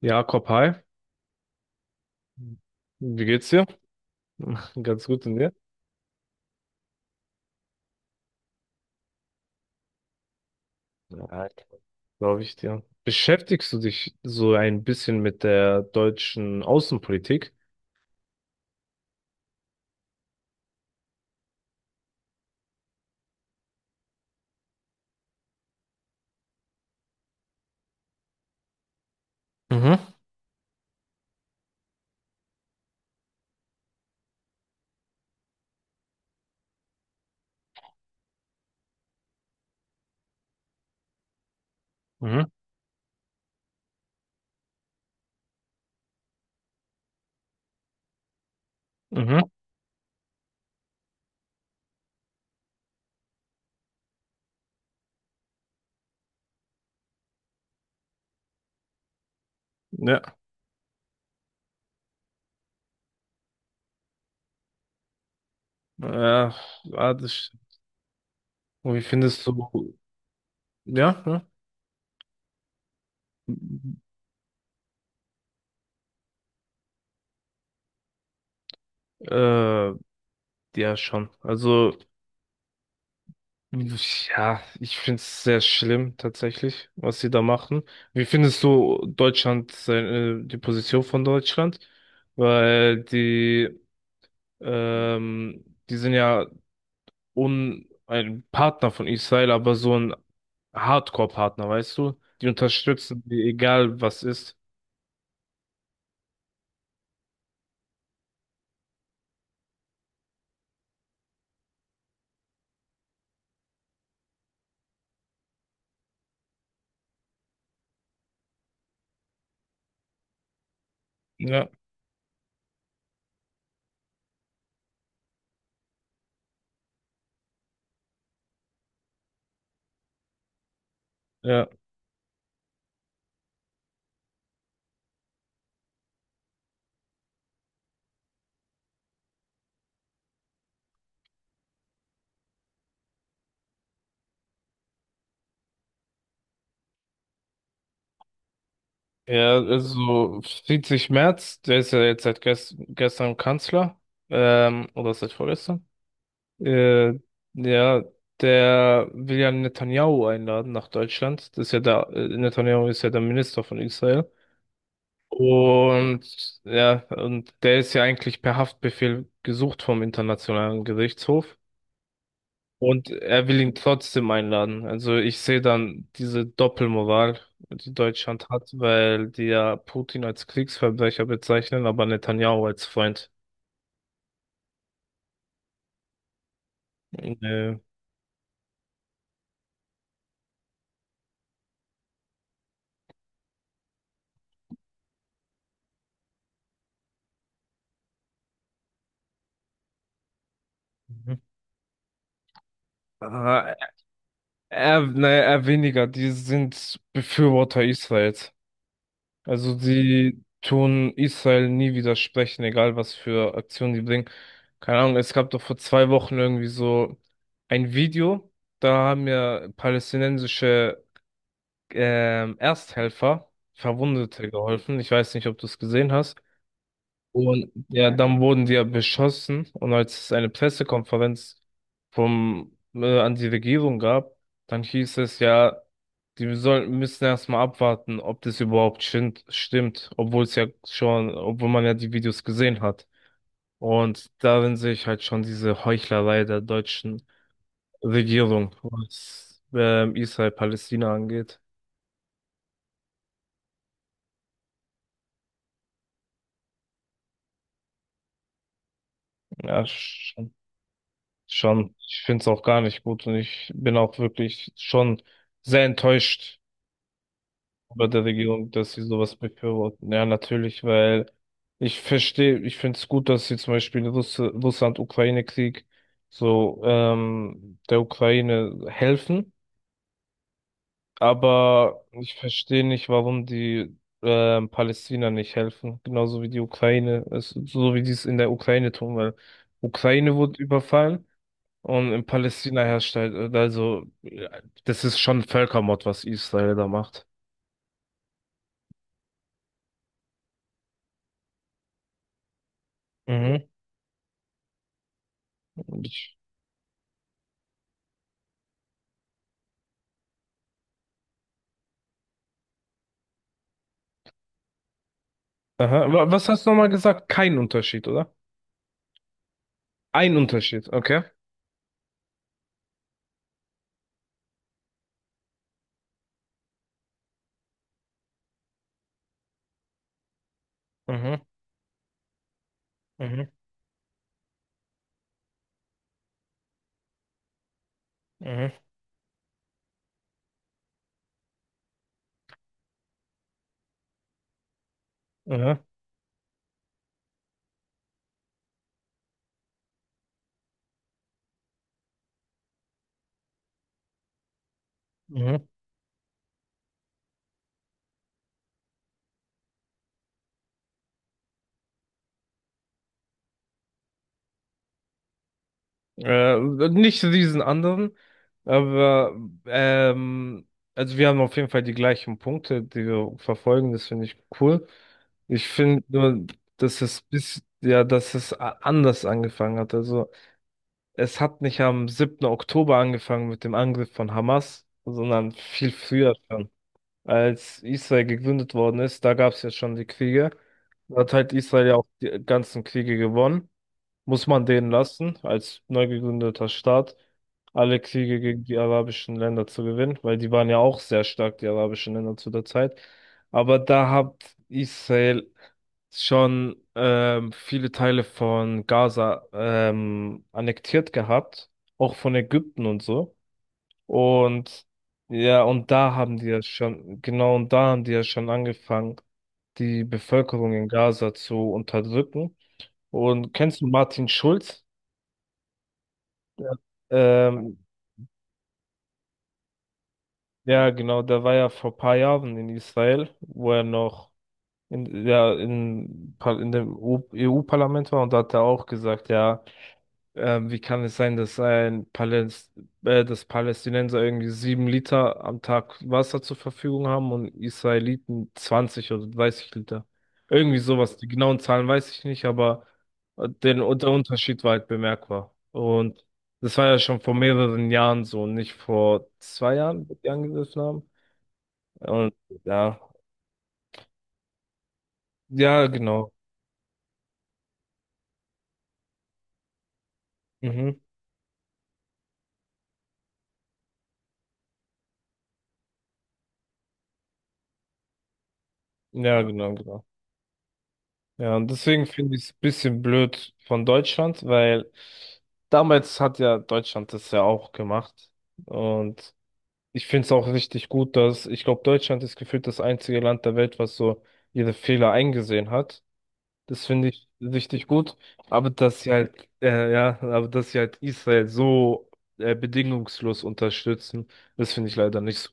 Jakob, hi. Wie geht's dir? Ganz gut und dir? Ja, glaube ich dir. Beschäftigst du dich so ein bisschen mit der deutschen Außenpolitik? Mhm, mhm, mhm. Ja. Ja, ja, das, und wie findest du? Ja, ja. Äh, ja, schon. Ja, ich finde es sehr schlimm tatsächlich, was sie da machen. Wie findest du Deutschland, seine, die Position von Deutschland? Weil die Ähm, die sind ja un ein Partner von Israel, aber so ein Hardcore-Partner, weißt du? Die unterstützen die, egal was ist. Ja, ja. Ja, also Friedrich Merz, der ist ja jetzt seit gest gestern Kanzler, oder seit vorgestern. Äh, ja, der will ja Netanyahu einladen nach Deutschland. Das ist ja der, Netanyahu ist ja der Minister von Israel. Und ja, und der ist ja eigentlich per Haftbefehl gesucht vom Internationalen Gerichtshof. Und er will ihn trotzdem einladen. Also ich sehe dann diese Doppelmoral, die Deutschland hat, weil die ja Putin als Kriegsverbrecher bezeichnen, aber Netanyahu als Freund. Äh, Mhm. äh, Er, naja, er weniger, die sind Befürworter Israels. Also sie tun Israel nie widersprechen, egal was für Aktionen die bringen. Keine Ahnung, es gab doch vor zwei Wochen irgendwie so ein Video, da haben ja palästinensische Ersthelfer Verwundete geholfen. Ich weiß nicht, ob du es gesehen hast. Und ja, dann wurden die ja beschossen. Und als es eine Pressekonferenz vom, an die Regierung gab, dann hieß es ja, die sollen, müssen erstmal abwarten, ob das überhaupt stimmt, obwohl es ja schon, obwohl man ja die Videos gesehen hat. Und darin sehe ich halt schon diese Heuchlerei der deutschen Regierung, was Israel-Palästina angeht. Ja, schon, schon. Ich finde es auch gar nicht gut und ich bin auch wirklich schon sehr enttäuscht bei der Regierung, dass sie sowas befürworten. Ja, natürlich, weil ich verstehe, ich finde es gut, dass sie zum Beispiel Russ Russland-Ukraine-Krieg so der Ukraine helfen, aber ich verstehe nicht, warum die Palästina nicht helfen, genauso wie die Ukraine, es, so wie die es in der Ukraine tun, weil Ukraine wurde überfallen. Und in Palästina herrscht halt, also, ja, das ist schon Völkermord, was Israel da macht. Mhm. Aha. Wa- Was hast du nochmal gesagt? Kein Unterschied, oder? Ein Unterschied, okay. Mhm, mhm, mhm, mhm, mhm. Äh, Nicht diesen anderen, aber ähm, also wir haben auf jeden Fall die gleichen Punkte, die wir verfolgen. Das finde ich cool. Ich finde nur, dass es bis, ja, dass es a- anders angefangen hat. Also es hat nicht am siebten Oktober angefangen mit dem Angriff von Hamas, sondern viel früher schon. Als Israel gegründet worden ist, da gab es ja schon die Kriege. Da hat halt Israel ja auch die ganzen Kriege gewonnen. Muss man denen lassen, als neu gegründeter Staat, alle Kriege gegen die arabischen Länder zu gewinnen, weil die waren ja auch sehr stark, die arabischen Länder zu der Zeit. Aber da hat Israel schon viele Teile von Gaza annektiert gehabt, auch von Ägypten und so. Und ja, und da haben die ja schon, genau, und da haben die ja schon angefangen, die Bevölkerung in Gaza zu unterdrücken. Und kennst du Martin Schulz? Ja. Ähm, ja, genau, der war ja vor paar Jahren in Israel, wo er noch in, ja, in, Par- in dem EU-Parlament war und da hat er auch gesagt, ja, wie kann es sein, dass ein Paläst dass Palästinenser irgendwie 7 Liter am Tag Wasser zur Verfügung haben und Israeliten 20 oder 30 Liter? Irgendwie sowas. Die genauen Zahlen weiß ich nicht, aber den, der Unterschied war halt bemerkbar. Und das war ja schon vor mehreren Jahren so, nicht vor zwei Jahren, wo die angegriffen haben. Und ja, ja, genau. Mhm. Ja, genau, genau. Ja, und deswegen finde ich es ein bisschen blöd von Deutschland, weil damals hat ja Deutschland das ja auch gemacht. Und ich finde es auch richtig gut, dass ich glaube, Deutschland ist gefühlt das einzige Land der Welt, was so ihre Fehler eingesehen hat. Das finde ich richtig gut. Aber dass sie halt, ja, aber dass sie halt Israel so bedingungslos unterstützen, das finde ich leider nicht so.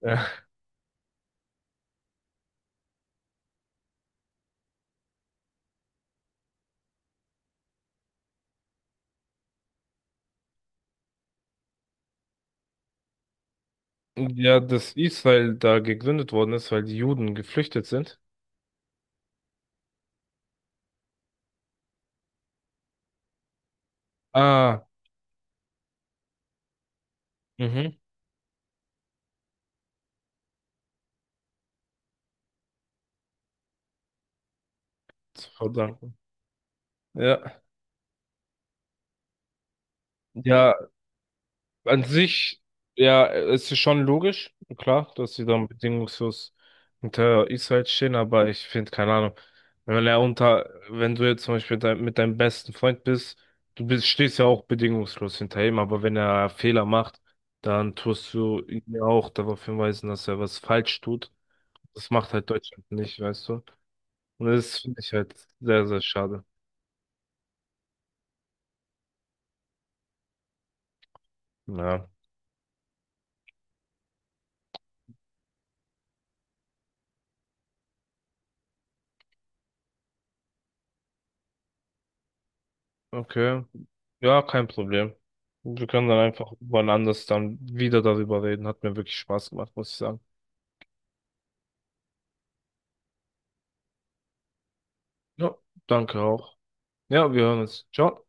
Ja. Ja, dass Israel da gegründet worden ist, weil die Juden geflüchtet sind. Ah. Mhm. Verdanken. Ja. Ja, an sich, ja, es ist schon logisch, klar, dass sie dann bedingungslos hinter Israel stehen, aber ich finde, keine Ahnung, wenn er unter, wenn du jetzt zum Beispiel dein, mit deinem besten Freund bist, du bist, stehst ja auch bedingungslos hinter ihm, aber wenn er Fehler macht, dann tust du ihn ja auch darauf hinweisen, dass er was falsch tut. Das macht halt Deutschland nicht, weißt du? Und das finde ich halt sehr, sehr schade. Ja, okay. Ja, kein Problem. Wir können dann einfach wann anders dann wieder darüber reden. Hat mir wirklich Spaß gemacht, muss ich sagen. Ja. Danke auch. Ja, wir hören uns. Ciao.